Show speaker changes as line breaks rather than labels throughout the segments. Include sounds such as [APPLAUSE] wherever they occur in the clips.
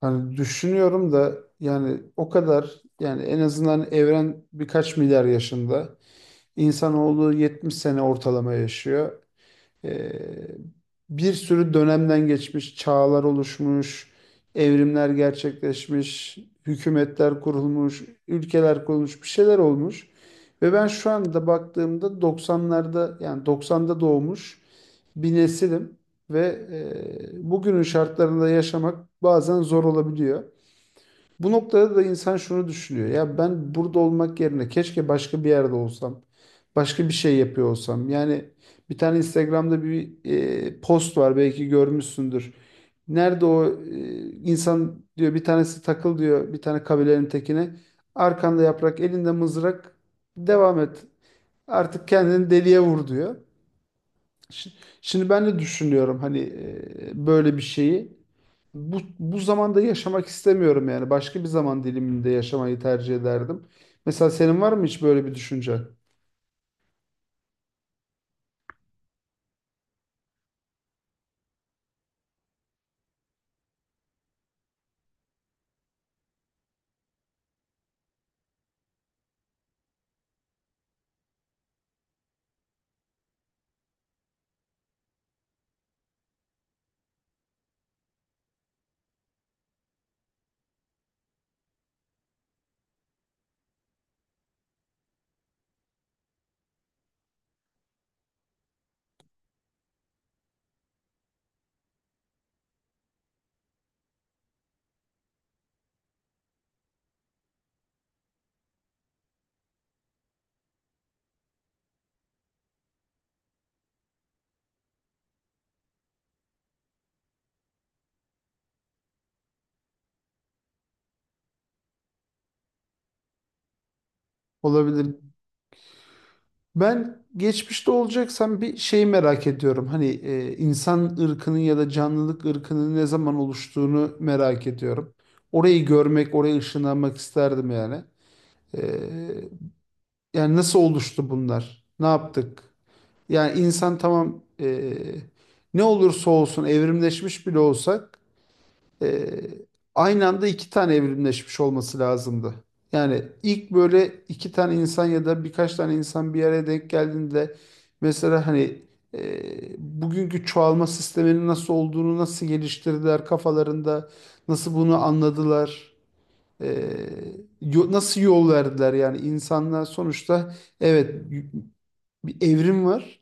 Hani düşünüyorum da yani o kadar yani en azından evren birkaç milyar yaşında. İnsanoğlu 70 sene ortalama yaşıyor. Ee, Bir sürü dönemden geçmiş, çağlar oluşmuş, evrimler gerçekleşmiş, hükümetler kurulmuş, ülkeler kurulmuş, bir şeyler olmuş. Ve ben şu anda baktığımda doksanlarda yani doksan'da doğmuş bir nesilim ve bugünün şartlarında yaşamak bazen zor olabiliyor. Bu noktada da insan şunu düşünüyor. Ya ben burada olmak yerine keşke başka bir yerde olsam. Başka bir şey yapıyor olsam. Yani bir tane Instagram'da bir post var belki görmüşsündür. Nerede o insan diyor bir tanesi takıl diyor bir tane kabilenin tekine. Arkanda yaprak elinde mızrak devam et. Artık kendini deliye vur diyor. Şi- Şimdi ben de düşünüyorum hani böyle bir şeyi. Bu zamanda yaşamak istemiyorum yani. Başka bir zaman diliminde yaşamayı tercih ederdim. Mesela senin var mı hiç böyle bir düşüncen? Olabilir. Ben geçmişte olacaksam bir şeyi merak ediyorum. Hani insan ırkının ya da canlılık ırkının ne zaman oluştuğunu merak ediyorum. Orayı görmek, oraya ışınlanmak isterdim yani. E, Yani nasıl oluştu bunlar? Ne yaptık? Yani insan tamam ne olursa olsun evrimleşmiş bile olsak Ee, aynı anda iki tane evrimleşmiş olması lazımdı. Yani ilk böyle iki tane insan ya da birkaç tane insan bir araya denk geldiğinde mesela hani bugünkü çoğalma sisteminin nasıl olduğunu nasıl geliştirdiler kafalarında nasıl bunu anladılar e, nasıl yol verdiler yani insanlar sonuçta evet y- bir evrim var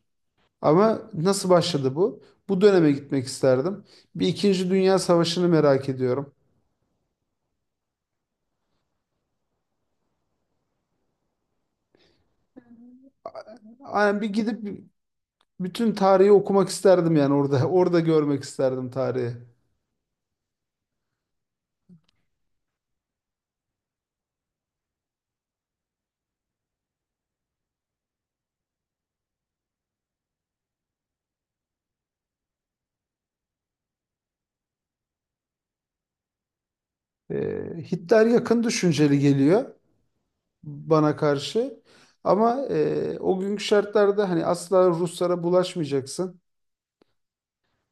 ama nasıl başladı bu? Bu döneme gitmek isterdim. Bir İkinci Dünya Savaşı'nı merak ediyorum. Aynen bir gidip bütün tarihi okumak isterdim yani orada. [LAUGHS] Orada görmek isterdim tarihi. Hitler yakın düşünceli geliyor bana karşı. Ama o günkü şartlarda hani asla Ruslara bulaşmayacaksın.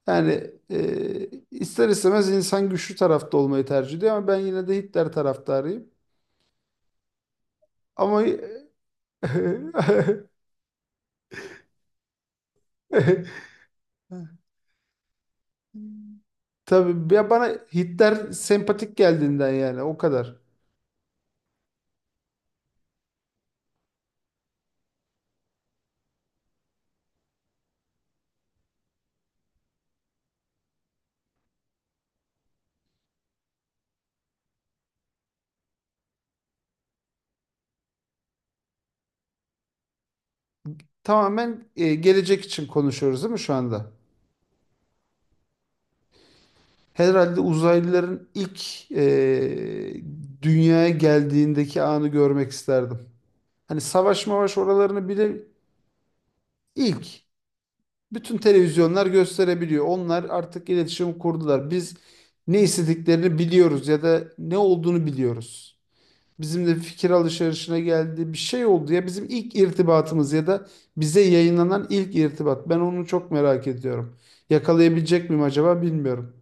Yani ister istemez insan güçlü tarafta olmayı tercih ediyor ama ben yine de Hitler taraftarıyım. Ama [LAUGHS] tabii ya bana Hitler sempatik geldiğinden yani o kadar. Tamamen gelecek için konuşuyoruz değil mi şu anda? Herhalde uzaylıların ilk dünyaya geldiğindeki anı görmek isterdim. Hani savaş mavaş oralarını bile ilk bütün televizyonlar gösterebiliyor. Onlar artık iletişim kurdular. Biz ne istediklerini biliyoruz ya da ne olduğunu biliyoruz. Bizimle fikir alışverişine geldi. Bir şey oldu ya bizim ilk irtibatımız ya da bize yayınlanan ilk irtibat. Ben onu çok merak ediyorum. Yakalayabilecek miyim acaba bilmiyorum.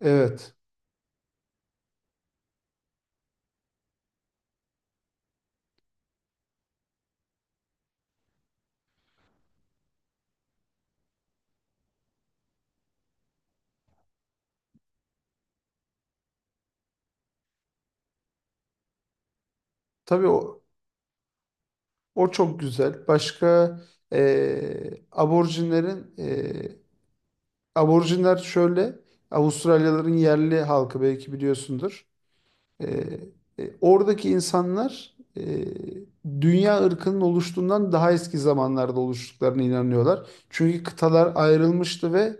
Evet. Tabii o, o çok güzel. Başka aborjinlerin aborjinler şöyle Avustralyaların yerli halkı belki biliyorsundur. Ee, oradaki insanlar dünya ırkının oluştuğundan daha eski zamanlarda oluştuklarına inanıyorlar. Çünkü kıtalar ayrılmıştı ve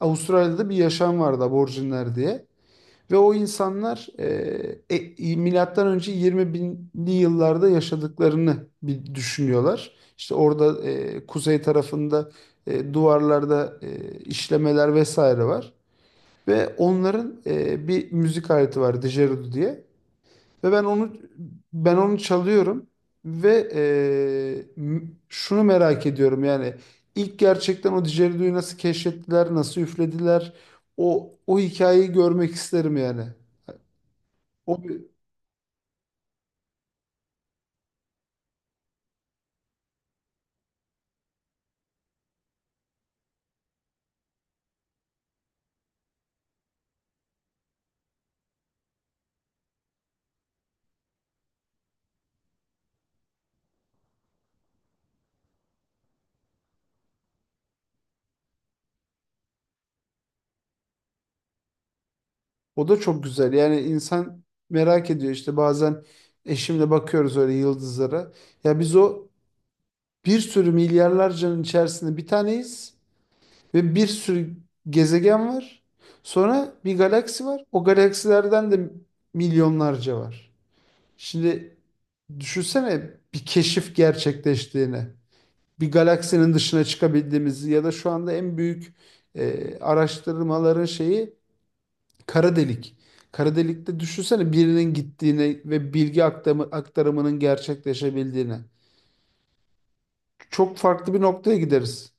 Avustralya'da bir yaşam vardı aborjinler diye. Ve o insanlar milattan önce 20 binli yıllarda yaşadıklarını bir düşünüyorlar. İşte orada kuzey tarafında duvarlarda işlemeler vesaire var. Ve onların bir müzik aleti var, dijerudu diye. Ve ben onu çalıyorum ve şunu merak ediyorum yani ilk gerçekten o Didgeridoo'yu nasıl keşfettiler, nasıl üflediler o hikayeyi görmek isterim yani. O o da çok güzel. Yani insan merak ediyor işte bazen eşimle bakıyoruz öyle yıldızlara. Ya biz o bir sürü milyarlarcanın içerisinde bir taneyiz. Ve bir sürü gezegen var. Sonra bir galaksi var. O galaksilerden de milyonlarca var. Şimdi düşünsene bir keşif gerçekleştiğini. Bir galaksinin dışına çıkabildiğimizi ya da şu anda en büyük araştırmaların şeyi kara delik. Kara delikte düşünsene birinin gittiğini ve aktarımının gerçekleşebildiğini. Çok farklı bir noktaya gideriz.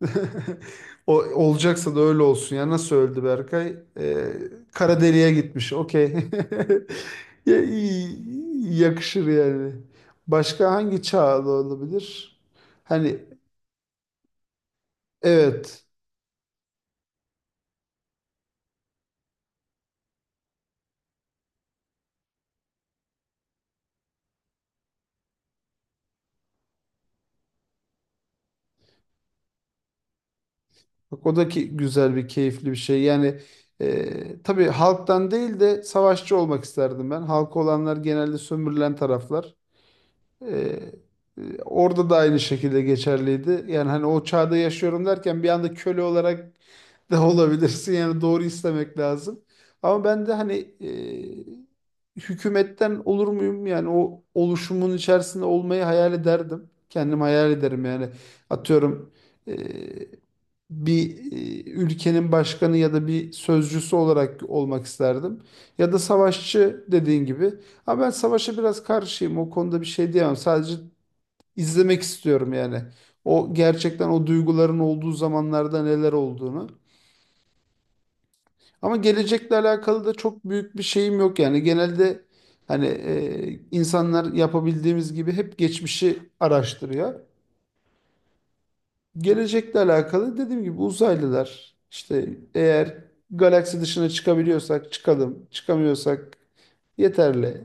[LAUGHS] O, olacaksa da öyle olsun ya. Nasıl öldü Berkay? Kara deliğe gitmiş. Okey. [LAUGHS] Yakışır yani. Başka hangi çağda olabilir? Hani evet. Bak o da ki güzel bir keyifli bir şey. Yani tabii halktan değil de savaşçı olmak isterdim ben. Halkı olanlar genelde sömürülen taraflar. Ee, orada da aynı şekilde geçerliydi. Yani hani o çağda yaşıyorum derken bir anda köle olarak da [LAUGHS] olabilirsin. Yani doğru istemek lazım. Ama ben de hani hükümetten olur muyum? Yani o oluşumun içerisinde olmayı hayal ederdim. Kendim hayal ederim yani. Atıyorum e, bir ülkenin başkanı ya da bir sözcüsü olarak olmak isterdim. Ya da savaşçı dediğin gibi. Ama ben savaşa biraz karşıyım. O konuda bir şey diyemem. Sadece izlemek istiyorum yani. O gerçekten o duyguların olduğu zamanlarda neler olduğunu. Ama gelecekle alakalı da çok büyük bir şeyim yok yani. Genelde hani insanlar yapabildiğimiz gibi hep geçmişi araştırıyor. Gelecekle alakalı dediğim gibi uzaylılar işte eğer galaksi dışına çıkabiliyorsak çıkalım, çıkamıyorsak yeterli.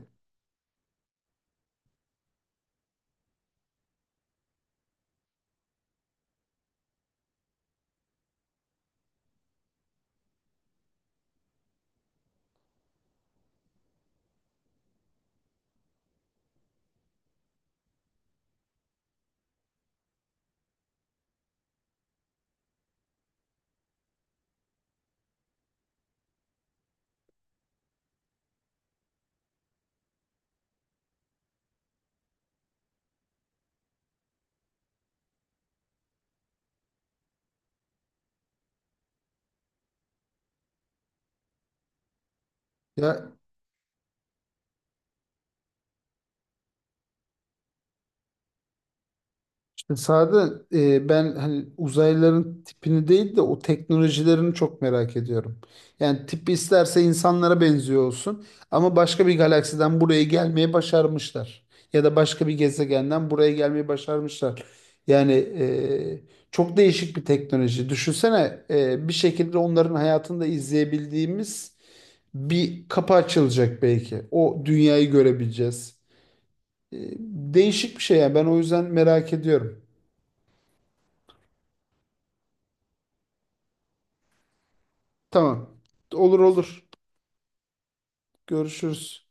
Ya sade ben hani uzaylıların tipini değil de o teknolojilerini çok merak ediyorum. Yani tipi isterse insanlara benziyor olsun ama başka bir galaksiden buraya gelmeyi başarmışlar. Ya da başka bir gezegenden buraya gelmeyi başarmışlar. Yani çok değişik bir teknoloji. Düşünsene bir şekilde onların hayatında izleyebildiğimiz bir kapı açılacak belki. O dünyayı görebileceğiz. E, değişik bir şey yani ben o yüzden merak ediyorum. Tamam. Olur olur. Görüşürüz.